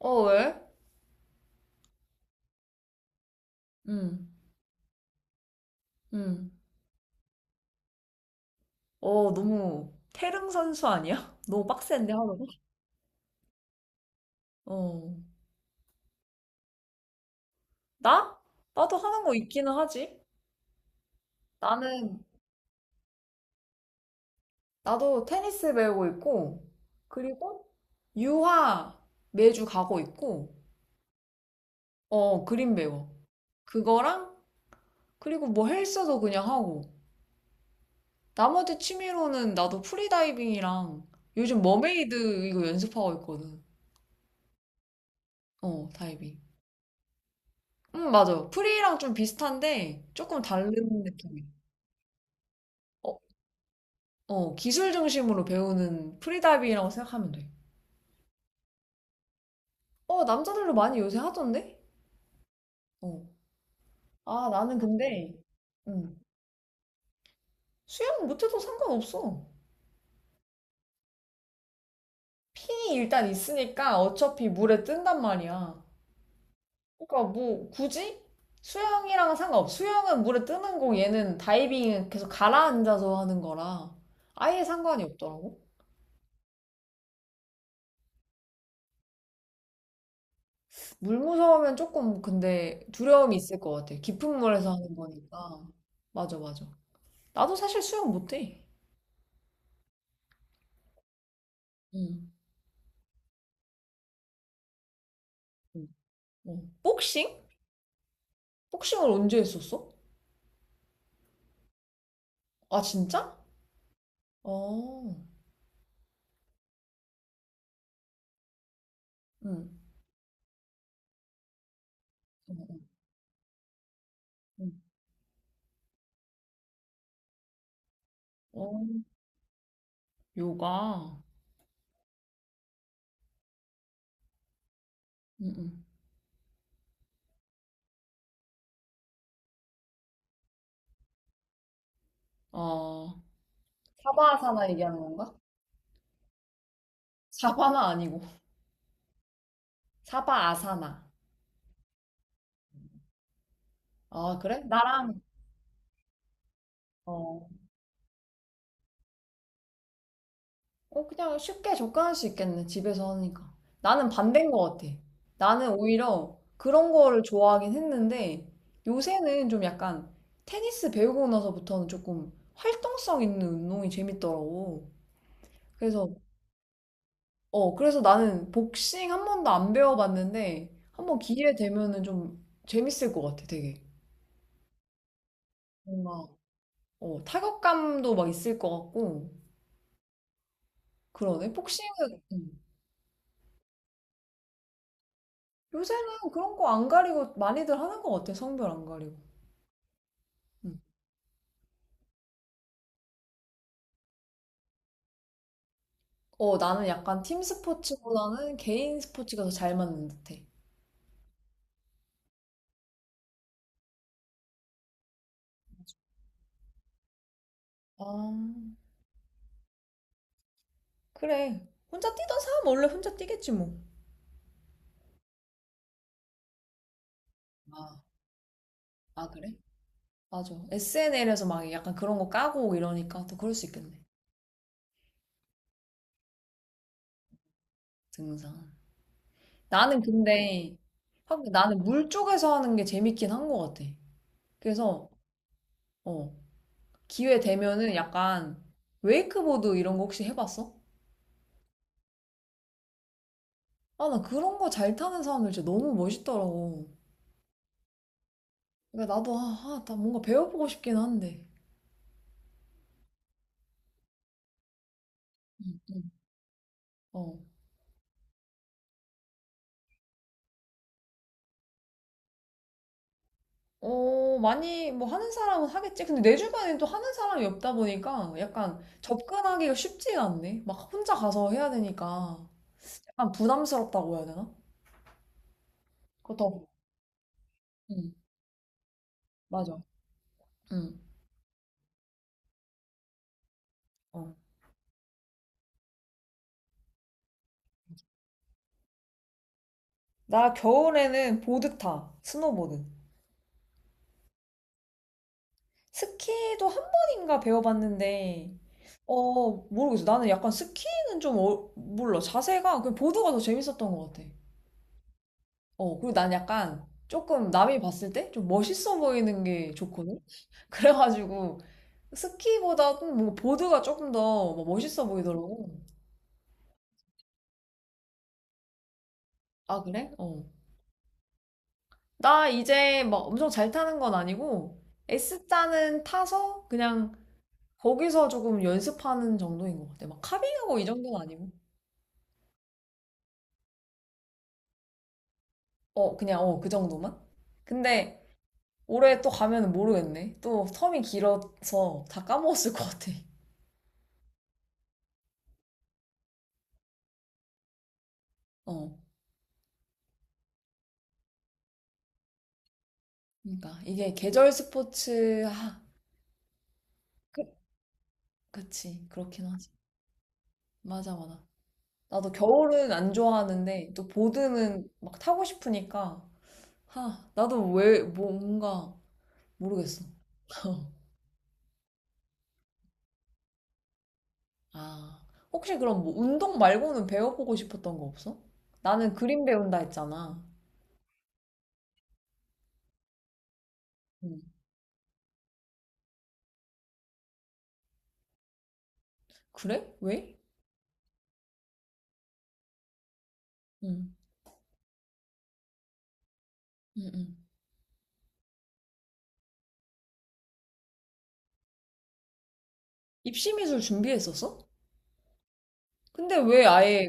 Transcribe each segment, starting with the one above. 어, 왜? 응. 응. 어, 너무 태릉 선수 아니야? 너무 빡센데 하루가? 어. 나? 나도 하는 거 있기는 하지. 나는, 나도 테니스 배우고 있고, 그리고 유화 매주 가고 있고, 어, 그림 배워. 그거랑, 그리고 뭐 헬스도 그냥 하고. 나머지 취미로는 나도 프리다이빙이랑 요즘 머메이드 이거 연습하고 있거든. 어, 다이빙. 맞아. 프리랑 좀 비슷한데 조금 다른 느낌이. 어, 어, 기술 중심으로 배우는 프리다이빙이라고 생각하면 돼. 어, 남자들도 많이 요새 하던데? 어. 아, 나는 근데 음, 수영 못해도 상관없어. 핀이 일단 있으니까 어차피 물에 뜬단 말이야. 그러니까 뭐 굳이 수영이랑은 상관없어. 수영은 물에 뜨는 거 얘는 다이빙은 계속 가라앉아서 하는 거라 아예 상관이 없더라고. 물 무서우면 조금 근데 두려움이 있을 것 같아. 깊은 물에서 하는 거니까. 맞아, 맞아. 나도 사실 수영 못해. 응. 응. 어. 복싱? 복싱을 언제 했었어? 아, 진짜? 어. 응. 응. 응. 어. 요가. 응, 응. 어. 사바아사나 얘기하는 건가? 사바나 아니고. 사바아사나. 아, 그래? 나랑, 어. 어, 그냥 쉽게 접근할 수 있겠네, 집에서 하니까. 나는 반대인 것 같아. 나는 오히려 그런 거를 좋아하긴 했는데, 요새는 좀 약간 테니스 배우고 나서부터는 조금 활동성 있는 운동이 재밌더라고. 그래서, 어, 그래서 나는 복싱 한 번도 안 배워봤는데, 한 번 기회 되면은 좀 재밌을 것 같아, 되게. 뭔가, 어, 타격감도 막 있을 것 같고, 그러네. 복싱은, 요새는 그런 거 안 가리고 많이들 하는 것 같아, 성별 안 가리고. 음. 어, 나는 약간 팀 스포츠보다는 개인 스포츠가 더 잘 맞는 듯해. 아, 그래. 혼자 뛰던 사람 원래 혼자 뛰겠지 뭐. 아, 아, 그래? 맞아. SNL에서 막 약간 그런 거 까고 이러니까 또 그럴 수 있겠네. 등산. 나는 근데, 확 나는 물 쪽에서 하는 게 재밌긴 한 것 같아. 그래서, 어, 기회 되면은 약간 웨이크보드 이런 거 혹시 해봤어? 아, 나 그런 거 잘 타는 사람들 진짜 너무 멋있더라고. 그러니까 나도 아, 아, 나 뭔가 배워보고 싶긴 한데. 응, 응. 어. 어, 많이 뭐 하는 사람은 하겠지. 근데 내 주변에 또 하는 사람이 없다 보니까 약간 접근하기가 쉽지가 않네. 막 혼자 가서 해야 되니까 약간 부담스럽다고 해야 되나? 그렇다고. 응, 맞아. 응. 어. 나 겨울에는 보드 타. 스노보드. 스키도 한 번인가 배워봤는데 어, 모르겠어. 나는 약간 스키는 좀 어, 몰라. 자세가 그 보드가 더 재밌었던 것 같아. 어, 그리고 난 약간 조금 남이 봤을 때 좀 멋있어 보이는 게 좋거든? 그래가지고 스키보다 뭐 보드가 조금 더뭐 멋있어 보이더라고. 아, 그래? 어. 나 이제 막 엄청 잘 타는 건 아니고 S자는 타서 그냥 거기서 조금 연습하는 정도인 것 같아. 막 카빙하고 이 정도는 아니고. 어, 그냥 어, 그 정도만? 근데 올해 또 가면 모르겠네. 또 텀이 길어서 다 까먹었을 것 같아. 어. 그러니까 이게 계절 스포츠 아, 그, 그치 그렇긴 하지. 맞아, 맞아. 나도 겨울은 안 좋아하는데 또 보드는 막 타고 싶으니까 하 나도 왜 뭐, 뭔가 모르겠어. 아, 혹시 그럼 뭐 운동 말고는 배워보고 싶었던 거 없어? 나는 그림 배운다 했잖아. 응. 그래? 왜? 응. 응, 응. 입시미술 준비했었어? 근데 왜 아예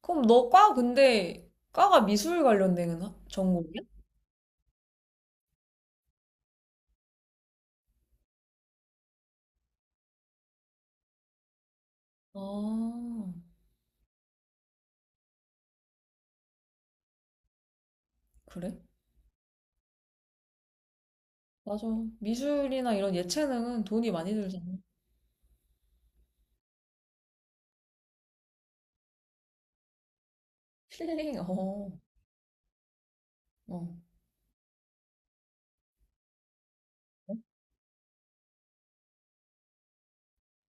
그럼 너과 근데 과가 미술 관련된 전공이야? 아, 그래? 맞아. 미술이나 이런 예체능은 돈이 많이 들잖아. 필링, 어, 어.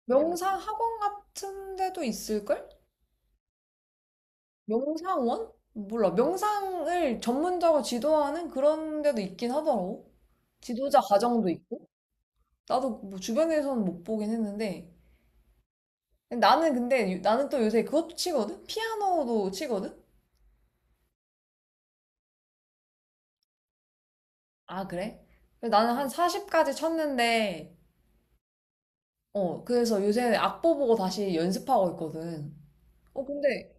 명상 학원 같은 데도 있을걸? 명상원? 몰라. 명상을 전문적으로 지도하는 그런 데도 있긴 하더라고. 지도자 과정도 있고. 나도 뭐 주변에서는 못 보긴 했는데. 나는 근데, 나는 또 요새 그것도 치거든? 피아노도 치거든? 아, 그래? 나는 한 40까지 쳤는데, 어, 그래서 요새 악보 보고 다시 연습하고 있거든. 어, 근데,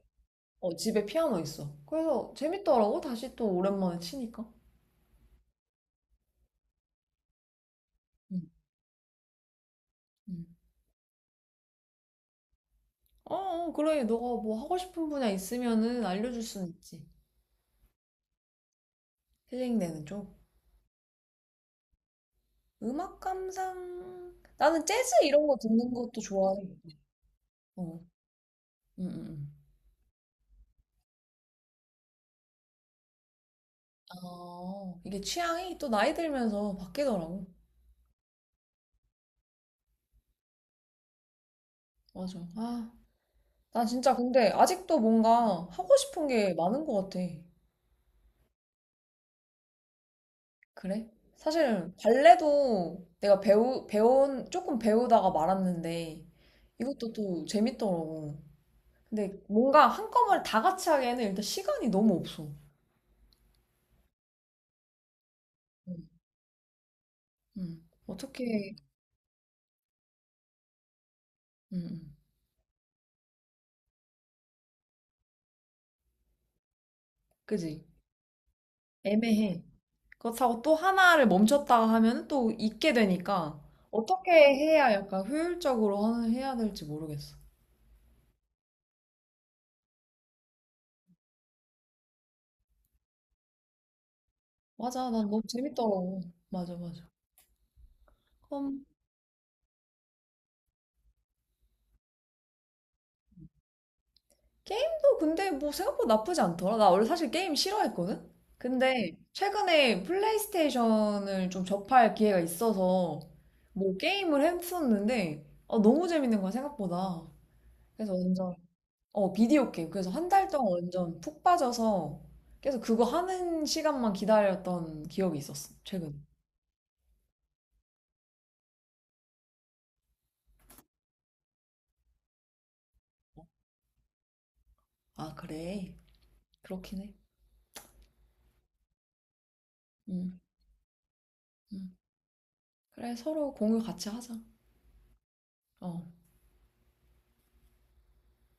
어, 집에 피아노 있어. 그래서 재밌더라고, 다시 또 오랜만에 치니까. 응, 응. 어, 어, 그래. 너가 뭐 하고 싶은 분야 있으면은 알려줄 수는 있지. 힐링되는 쪽. 음악 감상. 나는 재즈 이런 거 듣는 것도 좋아해. 어, 응, 응, 응. 아, 이게 취향이 또 나이 들면서 바뀌더라고. 맞아. 아, 난 진짜 근데 아직도 뭔가 하고 싶은 게 많은 것 같아. 그래? 사실 발레도 내가 배우 배운 조금 배우다가 말았는데 이것도 또 재밌더라고. 근데 뭔가 한꺼번에 다 같이 하기에는 일단 시간이 너무 없어. 응. 응. 어떻게? 응. 응. 그지? 애매해. 그렇다고 또 하나를 멈췄다가 하면 또 잊게 되니까 어떻게 해야 약간 효율적으로 해야 될지 모르겠어. 맞아, 난 너무 재밌더라고. 맞아, 맞아. 그럼 게임도 근데 뭐 생각보다 나쁘지 않더라. 나 원래 사실 게임 싫어했거든? 근데 최근에 플레이스테이션을 좀 접할 기회가 있어서 뭐 게임을 했었는데 아, 너무 재밌는 거야, 생각보다. 그래서 완전, 어, 비디오 게임. 그래서 한 달 동안 완전 푹 빠져서 계속 그거 하는 시간만 기다렸던 기억이 있었어, 최근에. 아, 그래. 그렇긴 해. 음, 음. 그래, 서로 공유 같이 하자. 어.